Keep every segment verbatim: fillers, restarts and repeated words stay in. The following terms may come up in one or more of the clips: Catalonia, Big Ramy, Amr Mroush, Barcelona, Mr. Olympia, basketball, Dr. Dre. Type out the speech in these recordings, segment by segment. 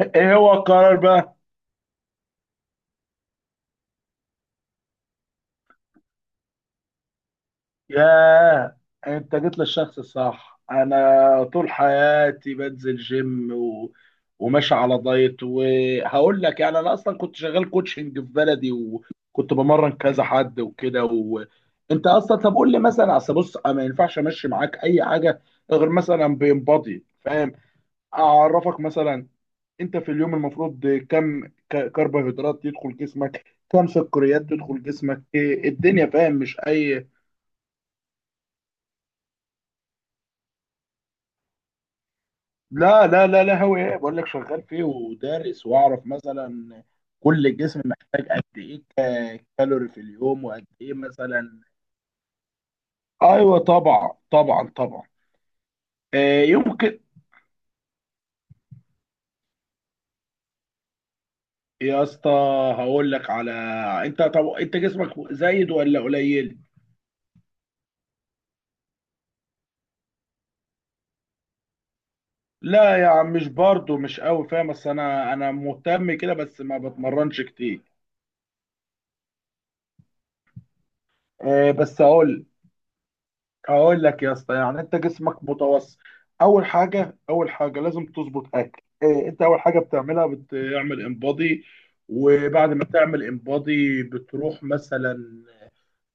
ايه هو القرار بقى؟ ياه، انت جيت للشخص الصح. انا طول حياتي بنزل جيم و... وماشي على دايت، وهقول لك، يعني انا اصلا كنت شغال كوتشنج في بلدي، وكنت بمرن كذا حد وكده و... انت اصلا، طب قول لي مثلا. اصل بص، أنا ما ينفعش امشي معاك اي حاجه غير مثلا بينبضي، فاهم. اعرفك مثلا، انت في اليوم المفروض كم ك- كربوهيدرات يدخل جسمك، كم سكريات تدخل جسمك، إيه الدنيا، فاهم، مش اي. لا لا لا لا، هو ايه، بقول لك شغال فيه ودارس، واعرف مثلا كل جسم محتاج قد ايه ك- كالوري في اليوم، وقد ايه مثلا. ايوه، طبعا طبعا طبعا. آه يمكن. يا اسطى، هقول لك على، انت طب انت جسمك زايد ولا قليل؟ لا يا عم، مش برضه مش قوي، فاهم، بس انا انا مهتم كده، بس ما بتمرنش كتير. آه بس هقول، اقول لك يا اسطى، يعني انت جسمك متوسط. اول حاجه اول حاجه لازم تظبط اكل، إيه انت اول حاجه بتعملها؟ بتعمل انبادي. وبعد ما تعمل انبادي بتروح مثلا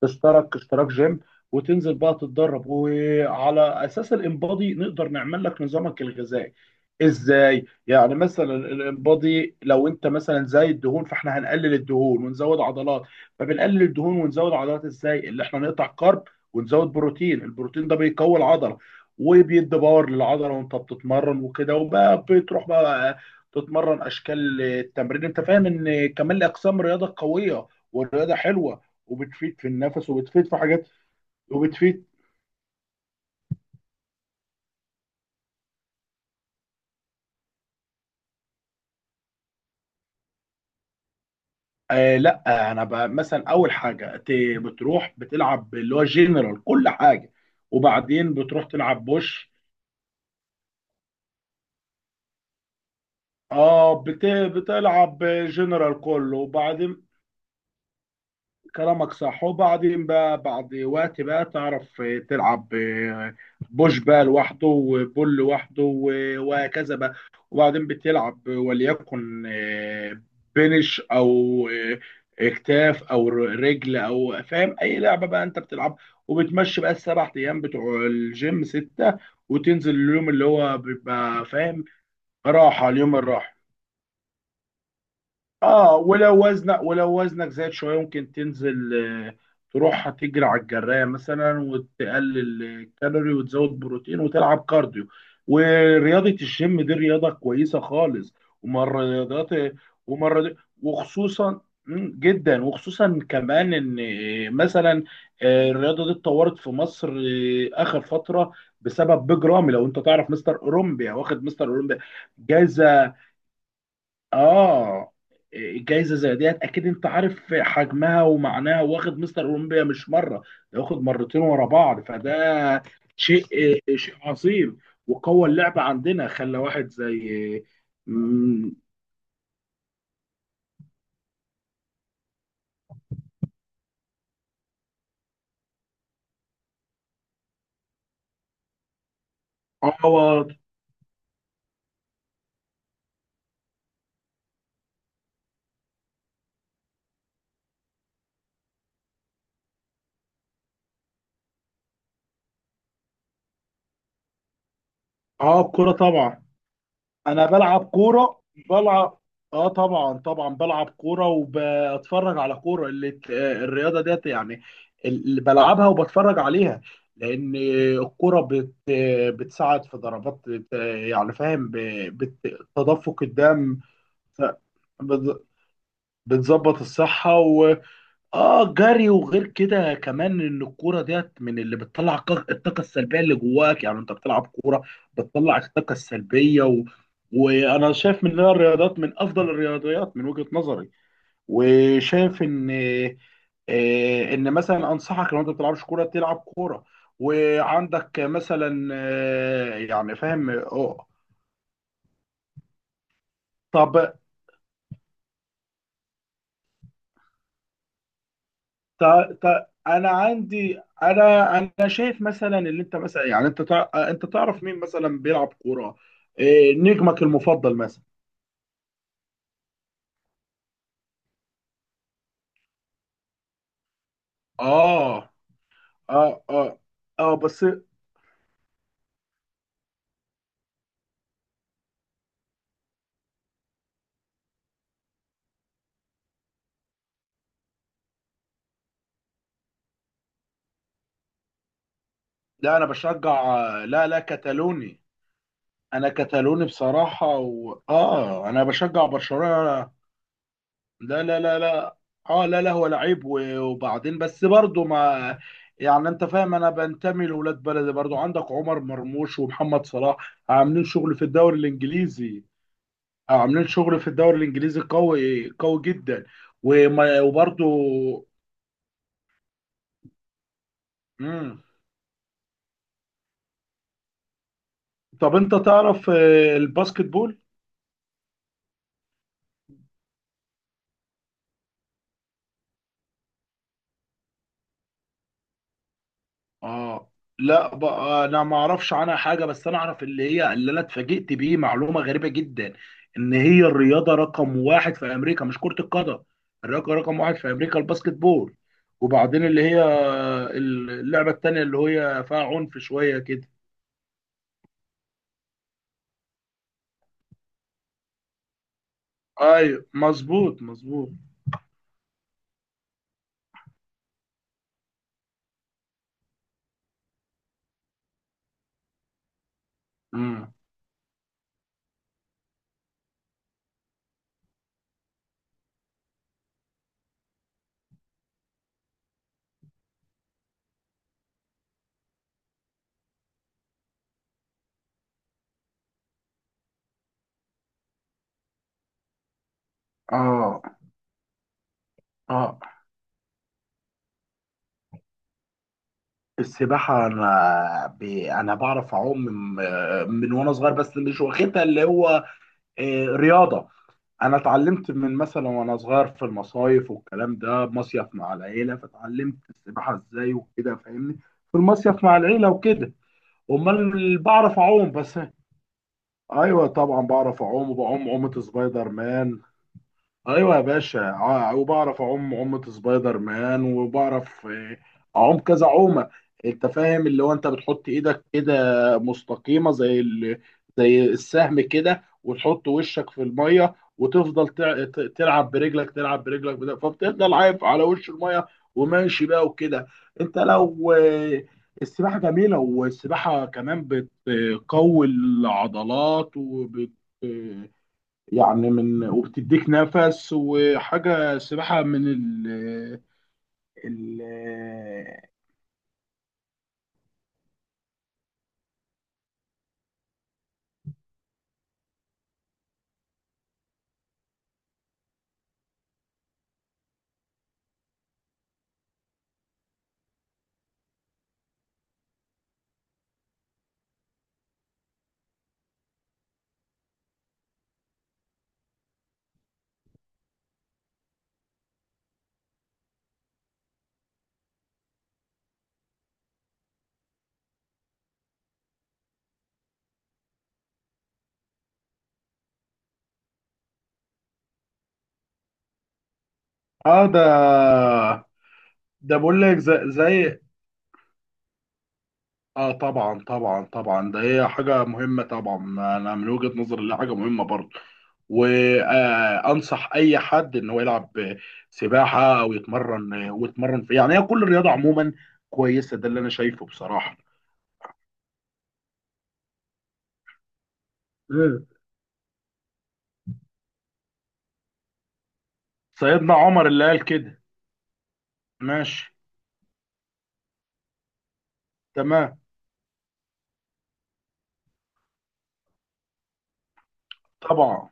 تشترك اشتراك جيم، وتنزل بقى تتدرب، وعلى اساس الانبادي نقدر نعمل لك نظامك الغذائي. ازاي يعني؟ مثلا الانبادي لو انت مثلا زايد الدهون، فاحنا هنقلل الدهون ونزود عضلات. فبنقلل الدهون ونزود عضلات ازاي؟ اللي احنا نقطع كارب ونزود بروتين. البروتين ده بيقوي العضله، وبيدي باور للعضله، وانت بتتمرن وكده، وبقى بتروح بقى تتمرن اشكال التمرين، انت فاهم، ان كمان اقسام رياضه قويه، والرياضه حلوه، وبتفيد في النفس، وبتفيد في حاجات، وبتفيد. آه لا آه، انا بقى مثلا اول حاجه ت- بتروح بتلعب اللي هو جنرال كل حاجه، وبعدين بتروح تلعب بوش. اه بت... بتلعب جنرال كله وبعدين كلامك صح. وبعدين بقى بعد وقت بقى تعرف، آه، تلعب آه، بوش بقى لوحده، وبول لوحده، و- وهكذا بقى. وبعدين بتلعب وليكن آه، بنش، او آه، اكتاف، او ر- رجل، او فاهم اي لعبه بقى انت بتلعب. وبتمشي بقى السبع ايام بتوع الجيم سته، وتنزل اليوم اللي هو بيبقى، فاهم، راحه. اليوم الراحه. اه، ولو وزنك ولو وزنك زاد شويه ممكن تنزل، آه، تروح تجري على الجرايه مثلا، وتقلل الكالوري، وتزود بروتين، وتلعب كارديو. ورياضه الجيم دي رياضه كويسه خالص، ومن الرياضات، ومن الرياض- وخصوصا مم، جدا، وخصوصا كمان ان آه، مثلا آه، الرياضه دي اتطورت في مصر آه، اخر فتره بسبب بيج رامي، لو انت تعرف مستر اولمبيا. واخد مستر اولمبيا جايزه. اه، جايزه زي ديت اكيد انت عارف حجمها ومعناها، واخد مستر اولمبيا مش مره، ده واخد مرتين ورا بعض، فده شيء شيء عظيم، وقوى اللعبه عندنا، خلى واحد زي مم، اه و- اه، الكوره طبعا. انا بلعب كوره، بلعب. اه، طبعا طبعا بلعب كوره وبتفرج على كوره، اللي آه، الرياضه ديت يعني، اللي بلعبها وبتفرج عليها، لان الكوره بت آه، بتساعد في ضربات، آه، يعني فاهم، ب- بت- تدفق الدم. ف- بت- بتظبط الصحه. اه، جري. وغير كده كمان ان الكوره ديت من اللي بتطلع ق- الطاقه السلبيه اللي جواك. يعني انت بتلعب كوره بتطلع الطاقه السلبيه و... وانا شايف من إنها الرياضات من افضل الرياضيات من وجهه نظري، وشايف ان آه، ان مثلا انصحك، لو انت ما بتلعبش كوره تلعب كوره، وعندك مثلا آه، يعني فاهم آه، طب. تا تا انا عندي، انا انا شايف مثلا، اللي انت مثلا يعني انت تع... انت تعرف مين مثلا بيلعب كوره، إيه نجمك المفضل مثلا؟ اه، اه، اه، اه، بس. لا انا بشجع، لا لا، كتالوني. انا كتالوني بصراحه و... اه، انا بشجع برشلونه. لا لا لا لا، اه لا لا، هو لعيب، و- وبعدين بس برضه ما، يعني انت فاهم، انا بنتمي لولاد بلدي برضه. عندك عمر مرموش ومحمد صلاح عاملين شغل في الدوري الانجليزي، عاملين شغل في الدوري الانجليزي قوي قوي جدا. وما- وبرضه. مم. طب انت تعرف آه، الباسكت بول؟ اه، لا بقى، انا ما اعرفش عنها حاجه، بس انا اعرف اللي هي، اللي انا اتفاجئت بيه، معلومه غريبه جدا، ان هي الرياضه رقم واحد في امريكا، مش كره القدم. الرياضه رقم واحد في امريكا الباسكت بول، وبعدين اللي هي اللعبه التانيه، اللي هي فيها عنف شويه كده. ايوه، مظبوط مظبوط. امم. اه، اه، السباحه. انا ب... انا بعرف اعوم من... آه، من وانا صغير، بس مش واخدها اللي هو آه، رياضه. انا اتعلمت من مثلا وانا صغير في المصايف، والكلام ده مصيف مع العيله، فاتعلمت السباحه ازاي وكده، فاهمني، في المصيف مع العيله وكده. امال بعرف اعوم بس. ايوه طبعا، بعرف اعوم، وبعوم عومه سبايدر مان. ايوه يا باشا، ع- وبعرف اعوم عومة سبايدر مان، وبعرف آه، اعوم كذا عومة. انت فاهم اللي هو انت بتحط ايدك كده مستقيمة زي ال... زي السهم كده، وتحط وشك في المية، وتفضل تع- ت- تلعب برجلك، تلعب برجلك بدا- فبتفضل عايف على وش المية، وماشي بقى وكده. انت لو آه، السباحة جميلة، والسباحة كمان بتقوي العضلات وبت آه، يعني، من، وبتديك نفس وحاجة سباحة من ال ال اه، ده. ده بقول لك زي, زي اه، طبعا طبعا طبعا، ده هي حاجة مهمة طبعا. انا من وجهة نظري، اللي حاجة مهمة برضه، وانصح اي حد ان هو يلعب سباحة، او يتمرن ويتمرن في، يعني، هي كل الرياضة عموما كويسة، ده اللي انا شايفه بصراحة. مم. سيدنا عمر اللي قال كده. ماشي. تمام. طبعا.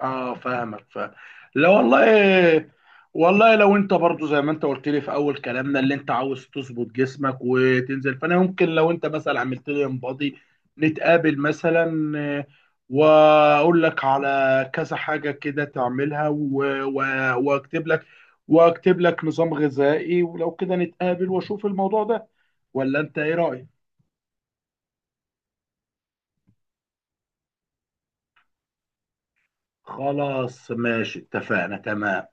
اه، فاهمك، فاهم. لا والله، والله لو انت برضو زي ما انت قلت لي في اول كلامنا، اللي انت عاوز تظبط جسمك وتنزل، فانا ممكن، لو انت مثلا عملت لي انبادي، نتقابل مثلا، آه، واقول لك على كذا حاجة كده تعملها، و- و- واكتب لك واكتب لك نظام غذائي، ولو كده نتقابل واشوف الموضوع ده. ولا انت ايه رأيك؟ خلاص ماشي، اتفقنا، تمام.